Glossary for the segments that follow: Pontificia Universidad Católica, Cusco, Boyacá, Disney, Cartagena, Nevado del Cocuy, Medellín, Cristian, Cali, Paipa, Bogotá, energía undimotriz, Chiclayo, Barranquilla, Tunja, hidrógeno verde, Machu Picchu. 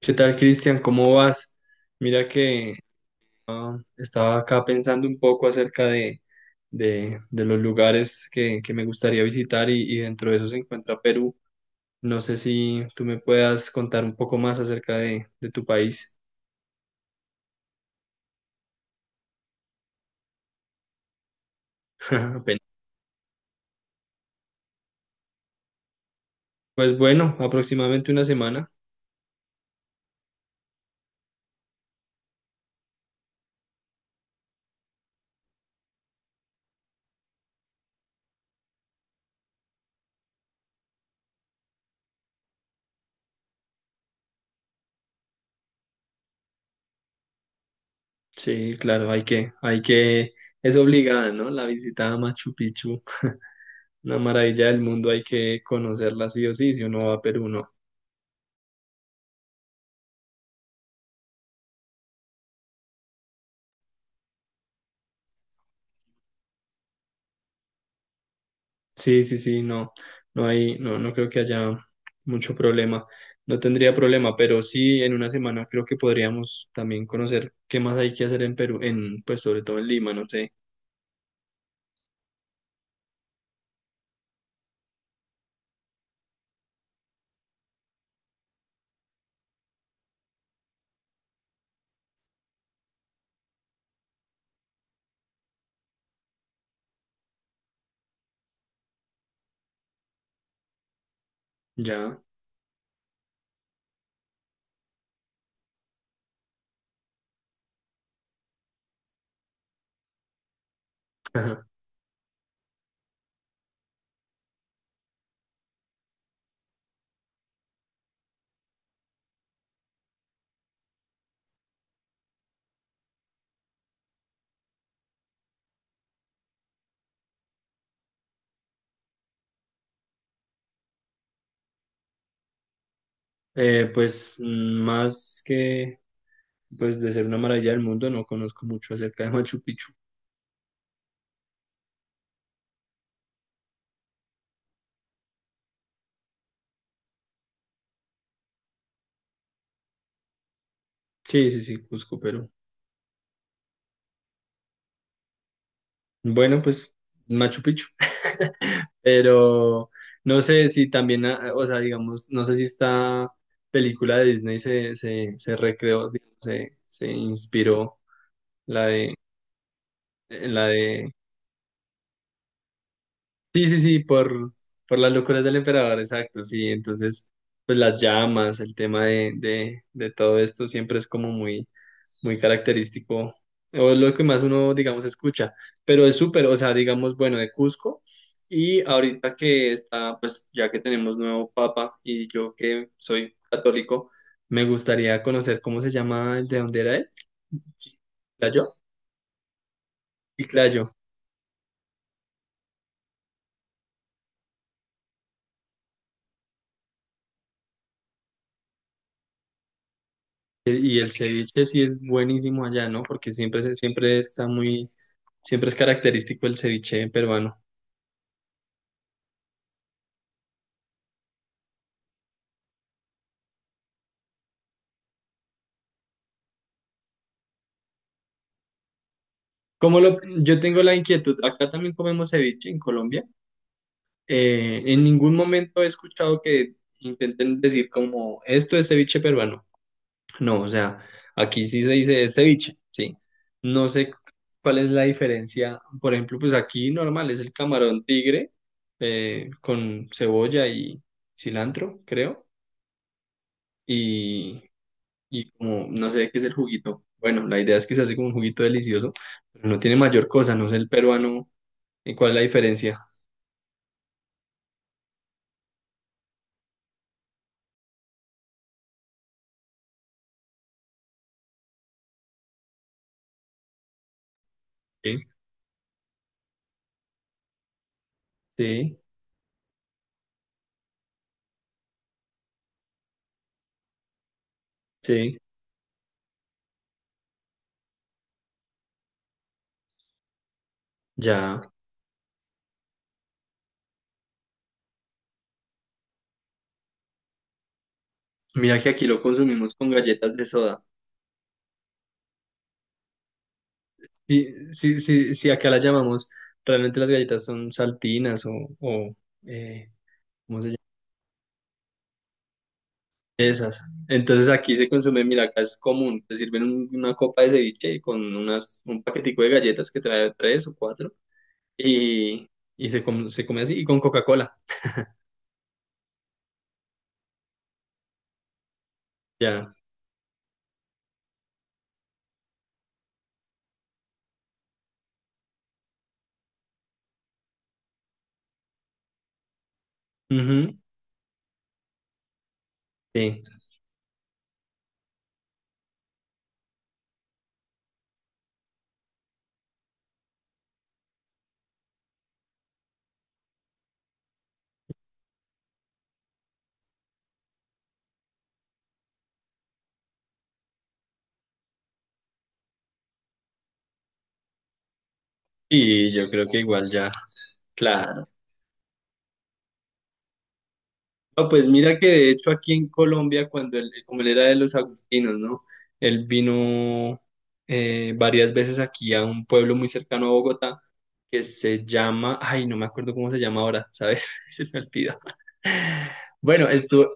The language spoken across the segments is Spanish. ¿Qué tal, Cristian? ¿Cómo vas? Mira que estaba acá pensando un poco acerca de los lugares que me gustaría visitar y dentro de eso se encuentra Perú. No sé si tú me puedas contar un poco más acerca de tu país. Apenas. Pues bueno, aproximadamente una semana. Sí, claro, es obligada, ¿no? La visita a Machu Picchu, una maravilla del mundo, hay que conocerla sí o sí, si uno va a Perú, ¿no? Sí, sí, sí, no, no creo que haya mucho problema. No tendría problema, pero sí en una semana creo que podríamos también conocer qué más hay que hacer en Perú, pues sobre todo en Lima, no sé, ya. Ajá. Pues más que pues de ser una maravilla del mundo, no conozco mucho acerca de Machu Picchu. Sí, sí, sí, Cusco, Perú. Bueno, pues Machu Picchu. Pero no sé si también, o sea, digamos, no sé si esta película de Disney se recreó, digamos, se inspiró la de, la de Sí, sí, sí, por las locuras del emperador, exacto, sí. Entonces, pues las llamas, el tema de todo esto siempre es como muy, muy característico, o es lo que más uno, digamos, escucha. Pero es súper, o sea, digamos, bueno, de Cusco. Y ahorita que está, pues ya que tenemos nuevo papa y yo que soy católico, me gustaría conocer cómo se llama, el de dónde era él. ¿Chiclayo? Chiclayo. Y el ceviche sí es buenísimo allá, ¿no? Porque siempre, siempre está muy, siempre es característico el ceviche peruano. Como lo, yo tengo la inquietud, acá también comemos ceviche en Colombia. En ningún momento he escuchado que intenten decir como esto es ceviche peruano. No, o sea, aquí sí se dice es ceviche, sí. No sé cuál es la diferencia. Por ejemplo, pues aquí normal es el camarón tigre con cebolla y cilantro, creo. y y como no sé qué es el juguito. Bueno, la idea es que se hace como un juguito delicioso, pero no tiene mayor cosa, no sé el peruano, ¿y cuál es la diferencia? Sí, sí, sí, ya. Mira que aquí lo consumimos con galletas de soda. Sí, sí, sí, sí, acá las llamamos, realmente las galletas son saltinas o eh, ¿cómo se llama? Esas. Entonces aquí se consume, mira, acá es común, te sirven una copa de ceviche con un paquetico de galletas que trae tres o cuatro y, y se come así y con Coca-Cola. Ya, ujú, sí, y yo creo que igual ya, claro. No, pues mira que de hecho aquí en Colombia, cuando él, como él era de los agustinos, ¿no? Él vino varias veces aquí a un pueblo muy cercano a Bogotá que se llama, ay, no me acuerdo cómo se llama ahora, ¿sabes? Se me olvidó. Bueno, estuvo,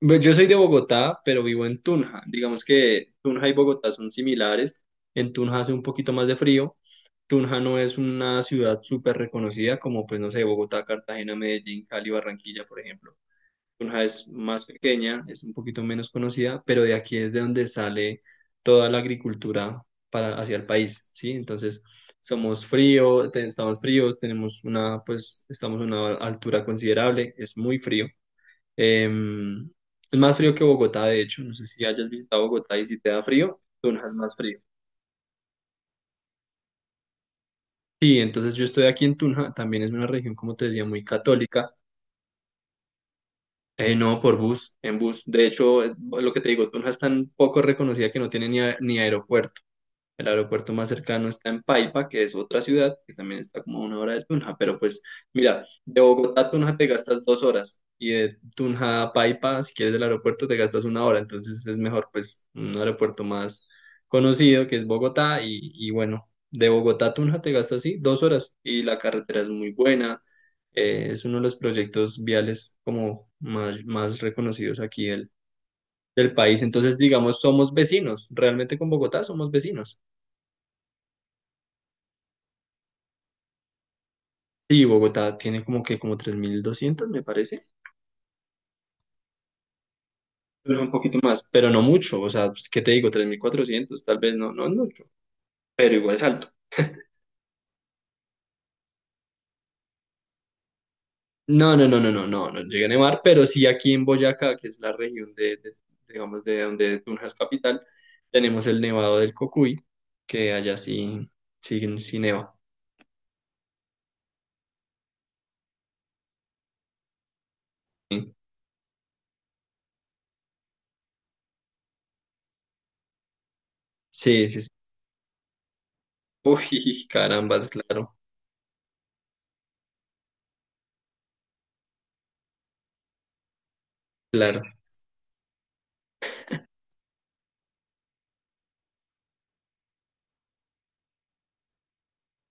Pues yo soy de Bogotá, pero vivo en Tunja. Digamos que Tunja y Bogotá son similares. En Tunja hace un poquito más de frío. Tunja no es una ciudad súper reconocida como, pues no sé, Bogotá, Cartagena, Medellín, Cali, Barranquilla, por ejemplo. Tunja es más pequeña, es un poquito menos conocida, pero de aquí es de donde sale toda la agricultura para hacia el país, ¿sí? Entonces, somos frío, estamos fríos, pues, estamos a una altura considerable, es muy frío. Em, es más frío que Bogotá, de hecho. No sé si hayas visitado Bogotá y si te da frío, Tunja es más frío. Sí, entonces yo estoy aquí en Tunja, también es una región, como te decía, muy católica. No, por bus, en bus. De hecho, lo que te digo, Tunja es tan poco reconocida que no tiene ni aeropuerto. El aeropuerto más cercano está en Paipa, que es otra ciudad, que también está como a 1 hora de Tunja, pero pues mira, de Bogotá a Tunja te gastas 2 horas y de Tunja a Paipa, si quieres el aeropuerto, te gastas 1 hora, entonces es mejor pues un aeropuerto más conocido que es Bogotá y bueno, de Bogotá a Tunja te gastas sí 2 horas y la carretera es muy buena, es uno de los proyectos viales como más, más reconocidos aquí del país, entonces digamos, somos vecinos, realmente con Bogotá somos vecinos. Sí, Bogotá tiene como 3.200, me parece, pero un poquito más, pero no mucho, o sea, pues, ¿qué te digo? 3.400, tal vez no, no es mucho, pero igual es alto. No, no, no, no, no, no, no llega a nevar, pero sí aquí en Boyacá, que es la región digamos, de donde Tunja es capital, tenemos el Nevado del Cocuy, que allá sí, sí, sí neva. Sí, sí, sí. Uy, carambas, claro, claro.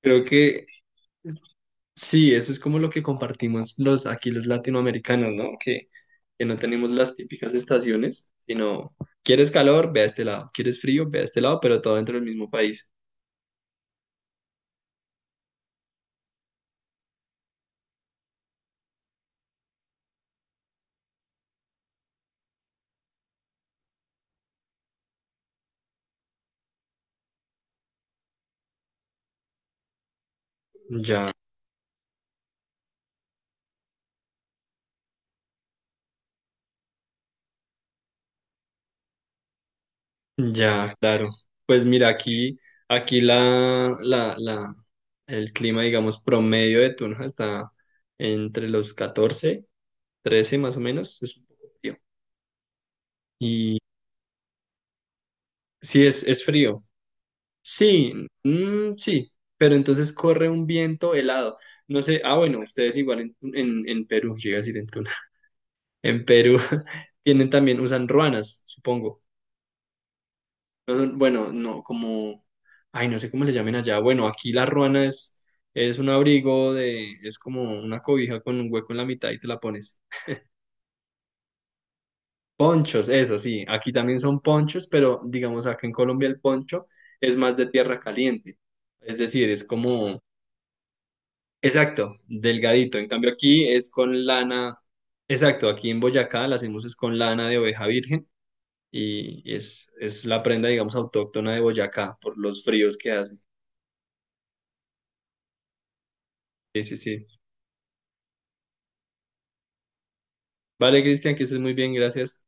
Creo que Sí, eso es como lo que compartimos los aquí los latinoamericanos, ¿no? Que no tenemos las típicas estaciones, sino quieres calor, ve a este lado, quieres frío, ve a este lado, pero todo dentro del mismo país. Ya, ya, claro. Pues mira, aquí el clima, digamos, promedio de Tunja está entre los 14, 13 más o menos, es un poco frío. Y sí, es frío, sí, mm, sí, pero entonces corre un viento helado. No sé, bueno, ustedes igual en, Perú, llega a decir en Tuna, en Perú tienen también, usan ruanas, supongo. Bueno, no, como, ay, no sé cómo le llamen allá. Bueno, aquí la ruana es un abrigo de, es como una cobija con un hueco en la mitad y te la pones. Ponchos, eso sí, aquí también son ponchos, pero digamos acá en Colombia el poncho es más de tierra caliente. Es decir, es como Exacto, delgadito. En cambio aquí es con lana. Exacto, aquí en Boyacá la hacemos es con lana de oveja virgen y es la prenda, digamos, autóctona de Boyacá por los fríos que hace. Sí, sí, sí. Vale, Cristian, que estés muy bien, gracias.